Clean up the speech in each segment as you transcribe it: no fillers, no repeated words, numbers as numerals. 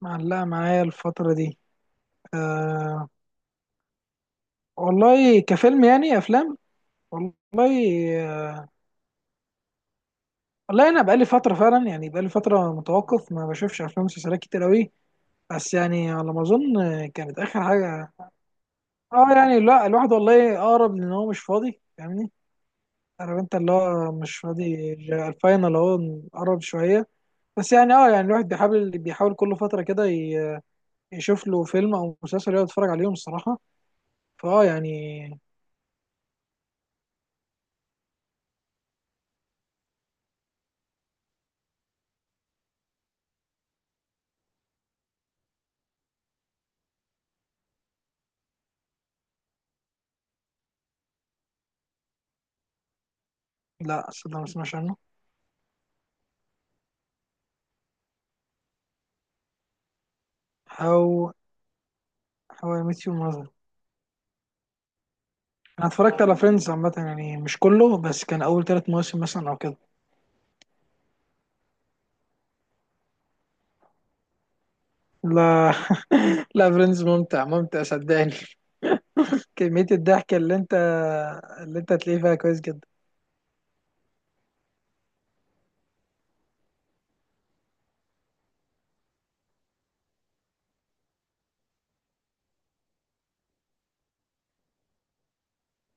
معلقة معايا الفترة دي. أه. والله كفيلم، يعني أفلام. والله. أه والله أنا بقالي فترة فعلا، يعني بقالي فترة متوقف، ما بشوفش أفلام ومسلسلات كتير أوي. بس يعني على ما أظن كانت آخر حاجة. يعني لا، الواحد والله أقرب، لأن هو مش فاضي، فاهمني. عارف أنت اللي هو مش فاضي، الفاينل أهو، قرب شوية. بس يعني أه يعني الواحد بيحاول كل فترة كده، يشوف له فيلم أو مسلسل يقعد يتفرج عليهم الصراحة. فأه يعني لا، صدق، ما سمعش عنه. او هاو اي ميت يو ماذر. انا اتفرجت على فريندز عامه، يعني مش كله، بس كان اول ثلاث مواسم مثلا او كده. لا لا، فريندز ممتع ممتع صدقني. كميه الضحك اللي انت، اللي انت هتلاقيه فيها كويس جدا.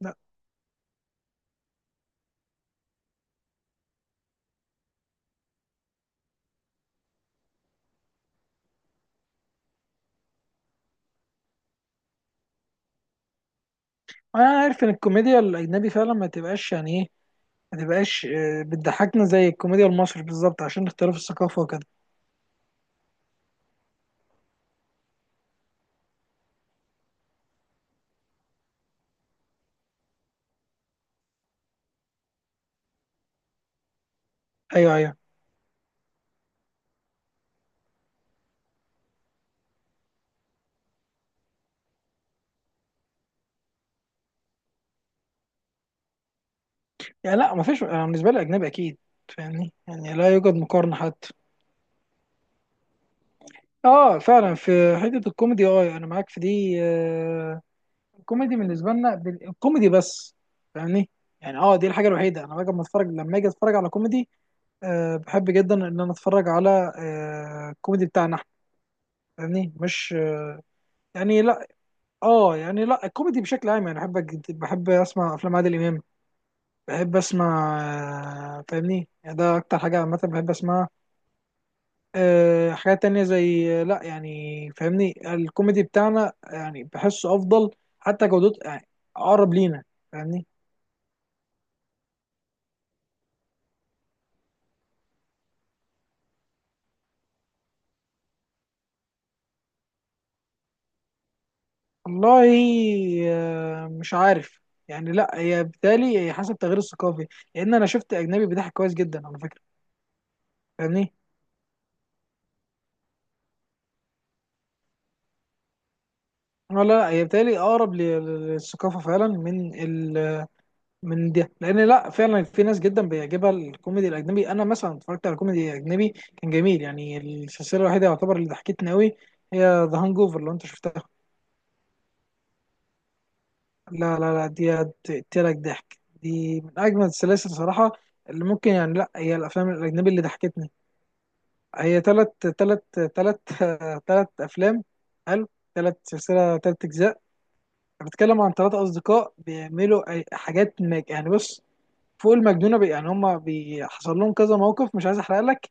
لا، انا عارف ان الكوميديا الاجنبي فعلا ما تبقاش يعني ايه، ما تبقاش بتضحكنا زي الكوميديا المصري بالظبط عشان اختلاف الثقافه وكده. ايوه ايوه. يعني لا، ما فيش، أنا بالنسبه لي اجنبي اكيد، فاهمني، يعني لا يوجد مقارنه حتى. اه فعلا، في حته الكوميدي، اه انا معاك في دي الكوميدي بالنسبه لنا الكوميدي بس، فاهمني. يعني اه، دي الحاجه الوحيده، انا باجي لما اتفرج، لما اجي اتفرج على كوميدي، أه بحب جدا ان انا اتفرج على، أه الكوميدي بتاعنا احنا. فاهمني، مش أه، يعني لا. اه يعني لا، الكوميدي بشكل عام، يعني بحب بحب اسمع افلام عادل امام، بحب اسمع، أه، فاهمني، يعني ده اكتر حاجه عامه بحب اسمعها. أه حاجات تانية زي لا يعني، فاهمني الكوميدي بتاعنا يعني بحسه افضل، حتى جودته يعني، اقرب لينا، فاهمني. والله مش عارف. يعني لا، هي بالتالي هي حسب التغيير الثقافي، لان انا شفت اجنبي بيضحك كويس جدا على فكره، فاهمني. لا هي بالتالي اقرب للثقافه فعلا، من ال، من ده. لان لا، فعلا في ناس جدا بيعجبها الكوميدي الاجنبي. انا مثلا اتفرجت على كوميدي اجنبي كان جميل، يعني السلسله الوحيده يعتبر اللي ضحكتني قوي هي ذا هانج اوفر، لو انت شفتها. لا, دي هتقتلك ضحك، دي من اجمل السلاسل صراحه. اللي ممكن، يعني لا، هي الافلام الاجنبي اللي ضحكتني. هي تلت تلت افلام. حلو. تلت سلسله تلت اجزاء. بتكلم عن تلات اصدقاء بيعملوا حاجات مج... يعني بص، فوق المجنونه بي... يعني هما بيحصل لهم كذا موقف، مش عايز احرق لك.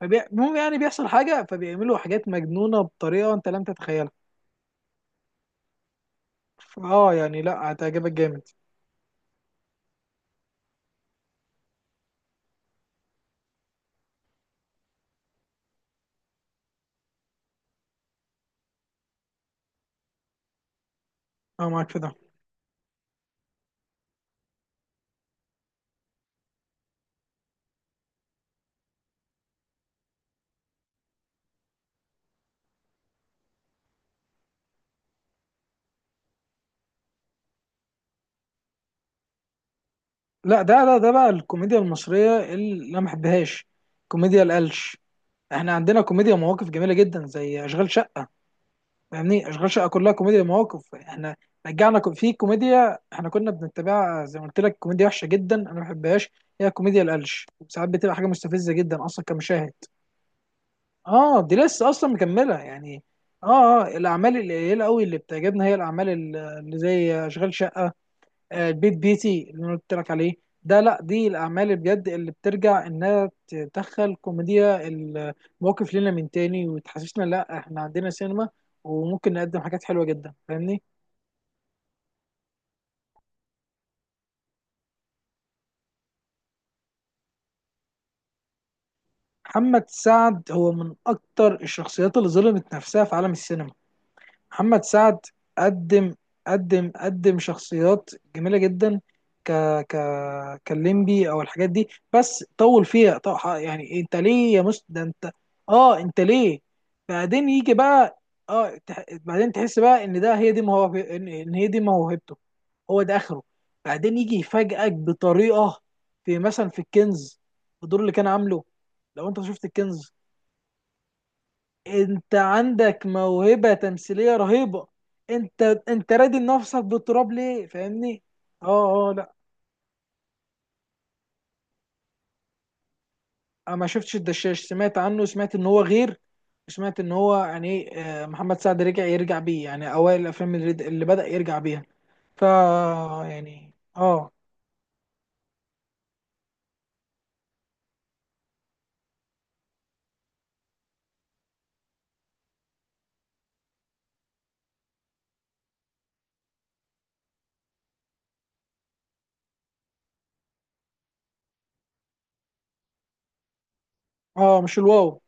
فبي... المهم يعني بيحصل حاجه فبيعملوا حاجات مجنونه بطريقه انت لم تتخيلها. اه يعني لا، هتعجبك جامد. اه معاك في ده. لا ده بقى الكوميديا المصريه اللي انا ما بحبهاش، كوميديا القلش. احنا عندنا كوميديا مواقف جميله جدا، زي اشغال شقه. يعني اشغال شقه كلها كوميديا مواقف. احنا رجعنا في كوميديا احنا كنا بنتبعها، زي ما قلت لك، كوميديا وحشه جدا انا ما بحبهاش، هي كوميديا القلش. ساعات بتبقى حاجه مستفزه جدا اصلا كمشاهد. اه دي لسه اصلا مكمله يعني. اه اه, الاعمال القليله قوي اللي بتعجبنا هي الاعمال اللي زي اشغال شقه، البيت بيتي اللي انا قلت لك عليه. ده لا، دي الاعمال اللي بجد، اللي بترجع انها تدخل كوميديا المواقف لنا من تاني، وتحسسنا لا احنا عندنا سينما وممكن نقدم حاجات حلوه جدا، فاهمني. محمد سعد هو من اكتر الشخصيات اللي ظلمت نفسها في عالم السينما. محمد سعد قدم قدم شخصيات جميله جدا. ك ك كليمبي او الحاجات دي، بس طول فيها طو... يعني انت ليه يا مست، ده انت. اه انت ليه بعدين يجي بقى. اه تح... بعدين تحس بقى ان ده هي دي موهب، ان إن هي دي موهبته، هو ده اخره. بعدين يجي يفاجئك بطريقه، في مثلا في الكنز، الدور اللي كان عامله، لو انت شفت الكنز. انت عندك موهبة تمثيلية رهيبة، انت، انت رادي نفسك بالتراب ليه، فاهمني. اه اه, لا، انا ما شفتش الدشاش، سمعت عنه، سمعت ان هو غير، سمعت ان هو يعني ايه، محمد سعد رجع، يرجع بيه يعني اوائل الافلام اللي بدأ يرجع بيها. ف، يعني اه. اه مش الواو.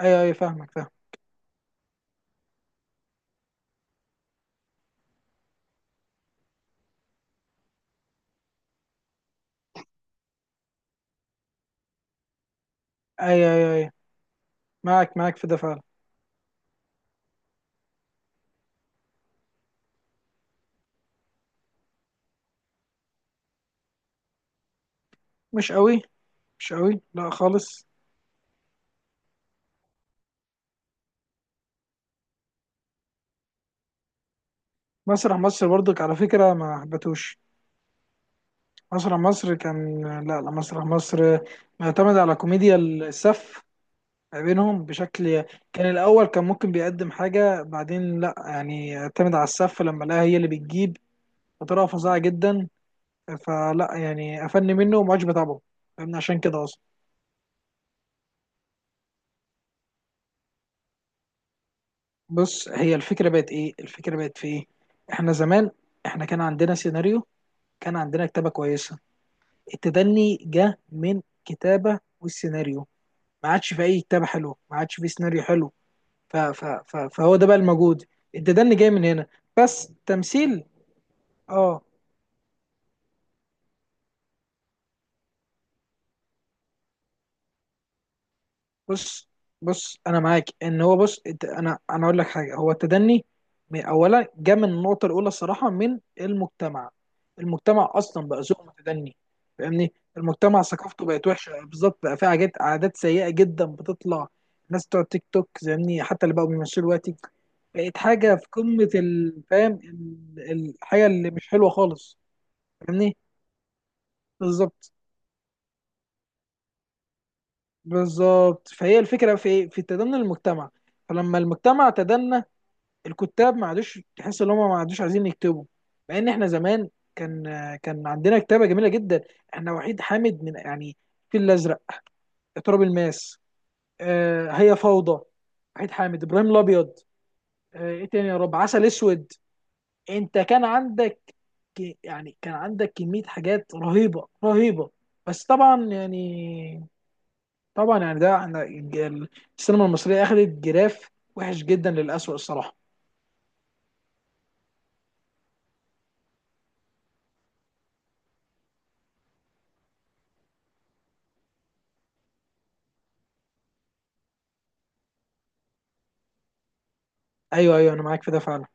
ايوه ايوه، فاهمك فاهم. ايوه ايوه ايوه، معاك معاك في ده فعلا. مش قوي. مش قوي لا خالص. مسرح مصر برضك على فكرة ما حبتوش. مسرح مصر كان، لا لا، مسرح مصر معتمد على كوميديا السف ما بينهم بشكل. كان الأول كان ممكن بيقدم حاجة، بعدين لا، يعني اعتمد على السف لما لقاها هي اللي بتجيب بطريقة فظيعة جدا. فلا يعني قفلني منه وما عادش بتابعه. فاهمني، عشان كده أصلا. هي الفكرة بقت إيه، الفكرة بقت في إيه. إحنا زمان، إحنا كان عندنا سيناريو، كان عندنا كتابة كويسة. التدني جه من كتابة والسيناريو، ما عادش في أي كتابة حلوة، ما عادش في سيناريو حلو. ف ف ف فهو ده بقى الموجود، الديدان اللي جاي من هنا، بس تمثيل. اه. بص بص انا معاك، ان هو بص، انا اقول لك حاجه، هو التدني، اولا جه من النقطه الاولى الصراحه من المجتمع. المجتمع اصلا بقى ذوق متدني، فاهمني، المجتمع ثقافته بقت وحشه بالظبط، بقى في حاجات عادات سيئه جدا بتطلع، الناس بتوع تيك توك، فاهمني، حتى اللي بقوا بيمثلوا دلوقتي بقت حاجه في قمه الفهم، الحاجه اللي مش حلوه خالص، فاهمني، بالظبط. بالظبط، فهي الفكره في ايه؟ في تدني المجتمع. فلما المجتمع تدنى، الكتاب ما عادوش، تحس ان هم ما عادوش عايزين يكتبوا. مع ان احنا زمان كان، كان عندنا كتابه جميله جدا. احنا وحيد حامد، من يعني الفيل الازرق، تراب الماس، آه هي فوضى، وحيد حامد، ابراهيم الابيض، آه ايه تاني يا رب، عسل اسود. انت كان عندك، يعني كان عندك كميه حاجات رهيبه رهيبه. بس طبعا يعني، ده انا السينما المصريه اخذت جراف وحش جدا للاسوء الصراحه. ايوه ايوه, انا معاك في ده فعلا.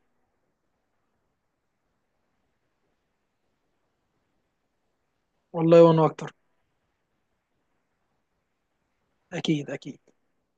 والله، وانا اكتر. اكيد اكيد.